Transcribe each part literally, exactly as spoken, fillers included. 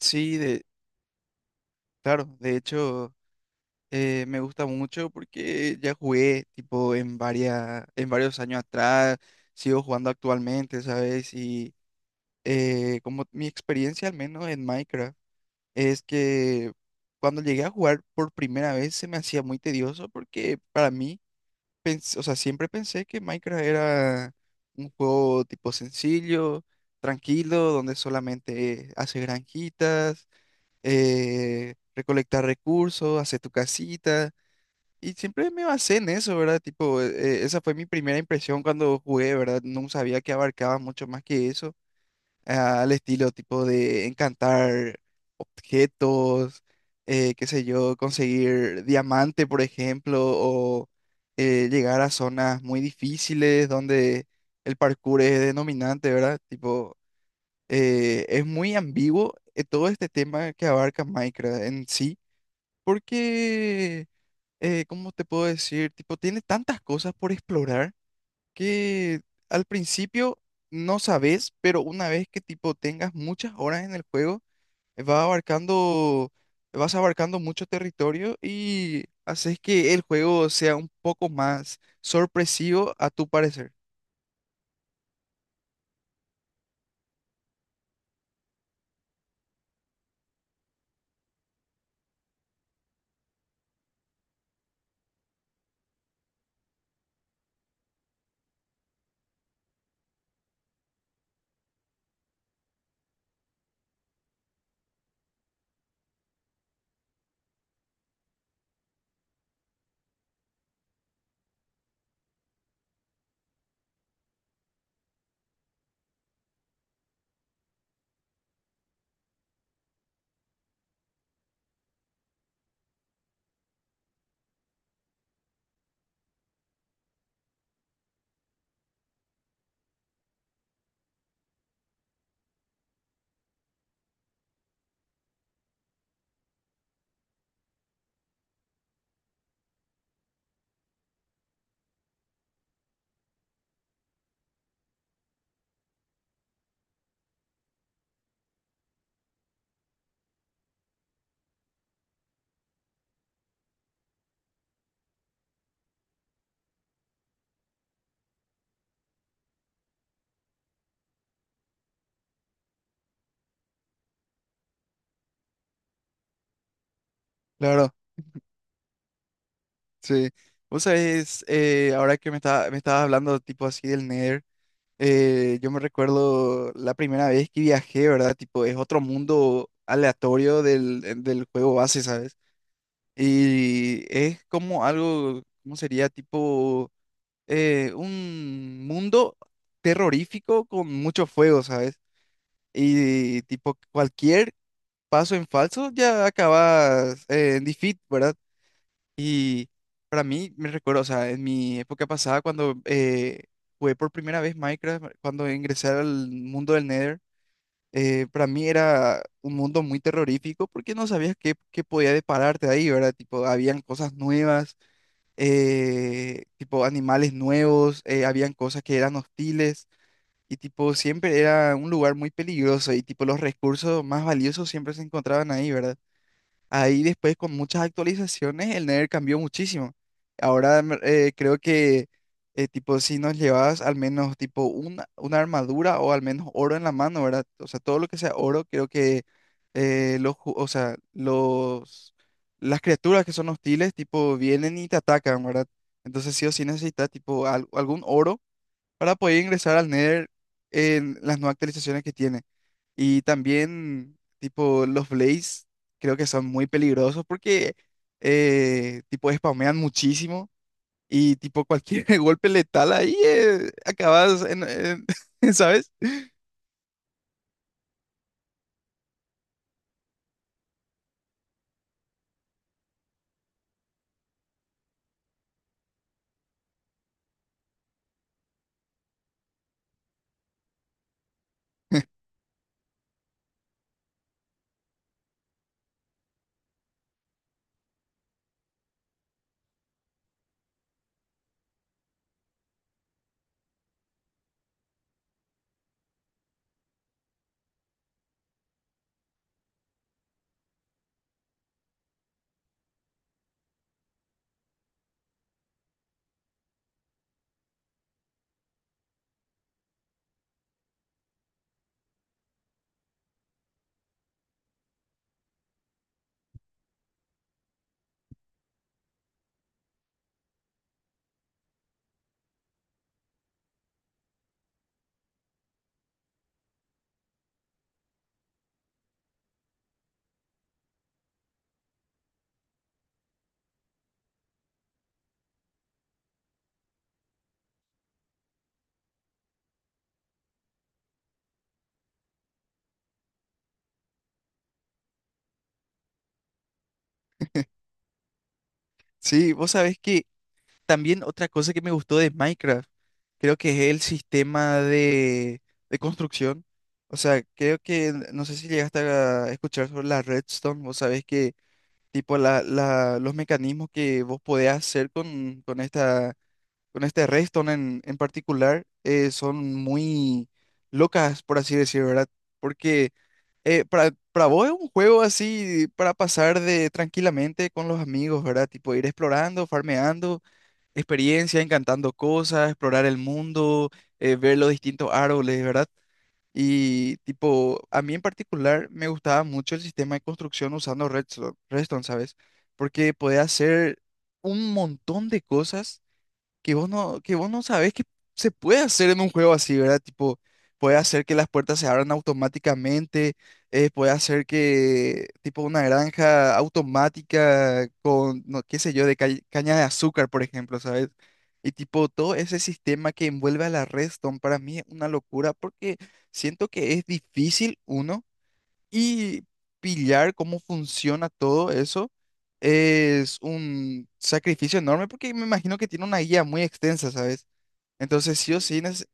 Sí, de, claro, de hecho eh, me gusta mucho porque ya jugué tipo en varias, en varios años atrás, sigo jugando actualmente, ¿sabes? Y eh, como mi experiencia al menos en Minecraft es que cuando llegué a jugar por primera vez se me hacía muy tedioso porque para mí, pens- o sea, siempre pensé que Minecraft era un juego tipo sencillo, tranquilo, donde solamente haces granjitas, eh, recolectar recursos, hacer tu casita. Y siempre me basé en eso, ¿verdad? Tipo, eh, esa fue mi primera impresión cuando jugué, ¿verdad? No sabía que abarcaba mucho más que eso, ah, al estilo tipo de encantar objetos, eh, qué sé yo, conseguir diamante, por ejemplo, o eh, llegar a zonas muy difíciles donde el parkour es denominante, ¿verdad? Tipo, eh, es muy ambiguo, eh, todo este tema que abarca Minecraft en sí, porque, eh, ¿cómo te puedo decir? Tipo, tiene tantas cosas por explorar que al principio no sabes, pero una vez que tipo tengas muchas horas en el juego, eh, va abarcando, vas abarcando mucho territorio y haces que el juego sea un poco más sorpresivo a tu parecer. Claro. Sí, vos sabés, eh, ahora que me estaba, me estabas hablando tipo así del Nether, eh, yo me recuerdo la primera vez que viajé, ¿verdad? Tipo, es otro mundo aleatorio del, eh, del juego base, ¿sabes? Y es como algo, ¿cómo sería? Tipo, eh, un mundo terrorífico con mucho fuego, ¿sabes? Y tipo, cualquier paso en falso ya acabas eh, en defeat, ¿verdad? Y para mí, me recuerdo, o sea, en mi época pasada, cuando eh, jugué por primera vez Minecraft, cuando ingresé al mundo del Nether, eh, para mí era un mundo muy terrorífico porque no sabías qué, qué podía depararte ahí, ¿verdad? Tipo, habían cosas nuevas, eh, tipo animales nuevos, eh, habían cosas que eran hostiles. Y tipo, siempre era un lugar muy peligroso y tipo los recursos más valiosos siempre se encontraban ahí, ¿verdad? Ahí después con muchas actualizaciones el Nether cambió muchísimo. Ahora me- eh, creo que eh, tipo si nos llevabas al menos tipo una, una armadura o al menos oro en la mano, ¿verdad? O sea, todo lo que sea oro, creo que eh, los, ju- o sea, los, las criaturas que son hostiles tipo vienen y te atacan, ¿verdad? Entonces sí o sí necesitas tipo al- algún oro para poder ingresar al Nether en las nuevas actualizaciones que tiene. Y también, tipo, los Blaze creo que son muy peligrosos porque, eh, tipo, spamean muchísimo y, tipo, cualquier golpe letal ahí eh, acabas en, en- ¿sabes? Sí, vos sabés que también otra cosa que me gustó de Minecraft, creo que es el sistema de, de construcción. O sea, creo que, no sé si llegaste a escuchar sobre la redstone, vos sabés que tipo la, la- los mecanismos que vos podés hacer con, con esta, con este redstone en, en particular, eh, son muy locas, por así decir, ¿verdad? Porque eh, para, para vos es un juego así para pasar de tranquilamente con los amigos, ¿verdad? Tipo ir explorando, farmeando experiencia, encantando cosas, explorar el mundo, eh, ver los distintos árboles, ¿verdad? Y tipo, a mí en particular me gustaba mucho el sistema de construcción usando Redstone, Redstone, ¿sabes? Porque podía hacer un montón de cosas que vos no, que vos no sabés que se puede hacer en un juego así, ¿verdad? Tipo, puede hacer que las puertas se abran automáticamente, eh, puede hacer que, tipo, una granja automática con, no, qué sé yo, de ca- caña de azúcar, por ejemplo, ¿sabes? Y tipo, todo ese sistema que envuelve a la Redstone para mí es una locura porque siento que es difícil, uno, y pillar cómo funciona todo eso es un sacrificio enorme porque me imagino que tiene una guía muy extensa, ¿sabes? Entonces, sí o sí, neces-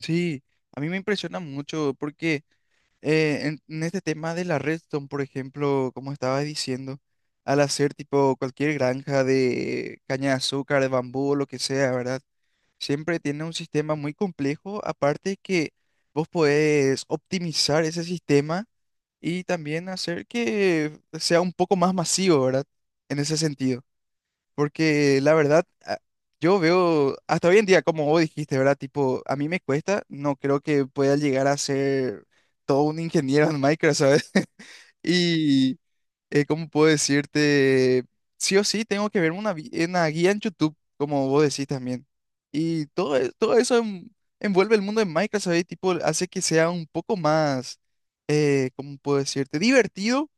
sí, a mí me impresiona mucho porque eh, en, en este tema de la redstone, por ejemplo, como estaba diciendo, al hacer tipo cualquier granja de caña de azúcar, de bambú o lo que sea, ¿verdad? Siempre tiene un sistema muy complejo, aparte que vos podés optimizar ese sistema y también hacer que sea un poco más masivo, ¿verdad? En ese sentido. Porque la verdad, a- yo veo hasta hoy en día, como vos dijiste, ¿verdad? Tipo, a mí me cuesta, no creo que pueda llegar a ser todo un ingeniero en Microsoft. Y, eh, ¿cómo puedo decirte? Sí o sí, tengo que verme una, vi- una guía en YouTube, como vos decís también. Y todo, e- todo eso en- envuelve el mundo de Minecraft, ¿sabes? Tipo, hace que sea un poco más, eh, ¿cómo puedo decirte? Divertido,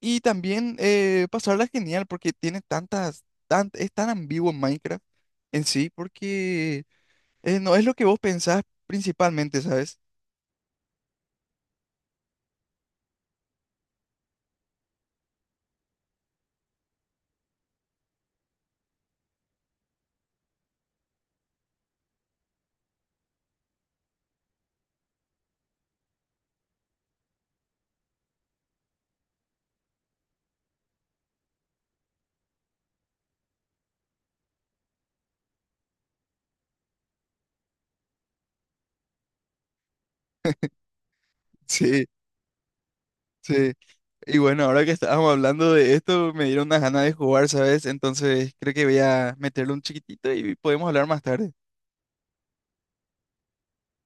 y también eh, pasarla genial porque tiene tantas, tan, es tan ambiguo en Minecraft en sí, porque eh, no es lo que vos pensás principalmente, ¿sabes? Sí, sí. Y bueno, ahora que estábamos hablando de esto, me dieron unas ganas de jugar, ¿sabes? Entonces creo que voy a meterle un chiquitito y podemos hablar más tarde.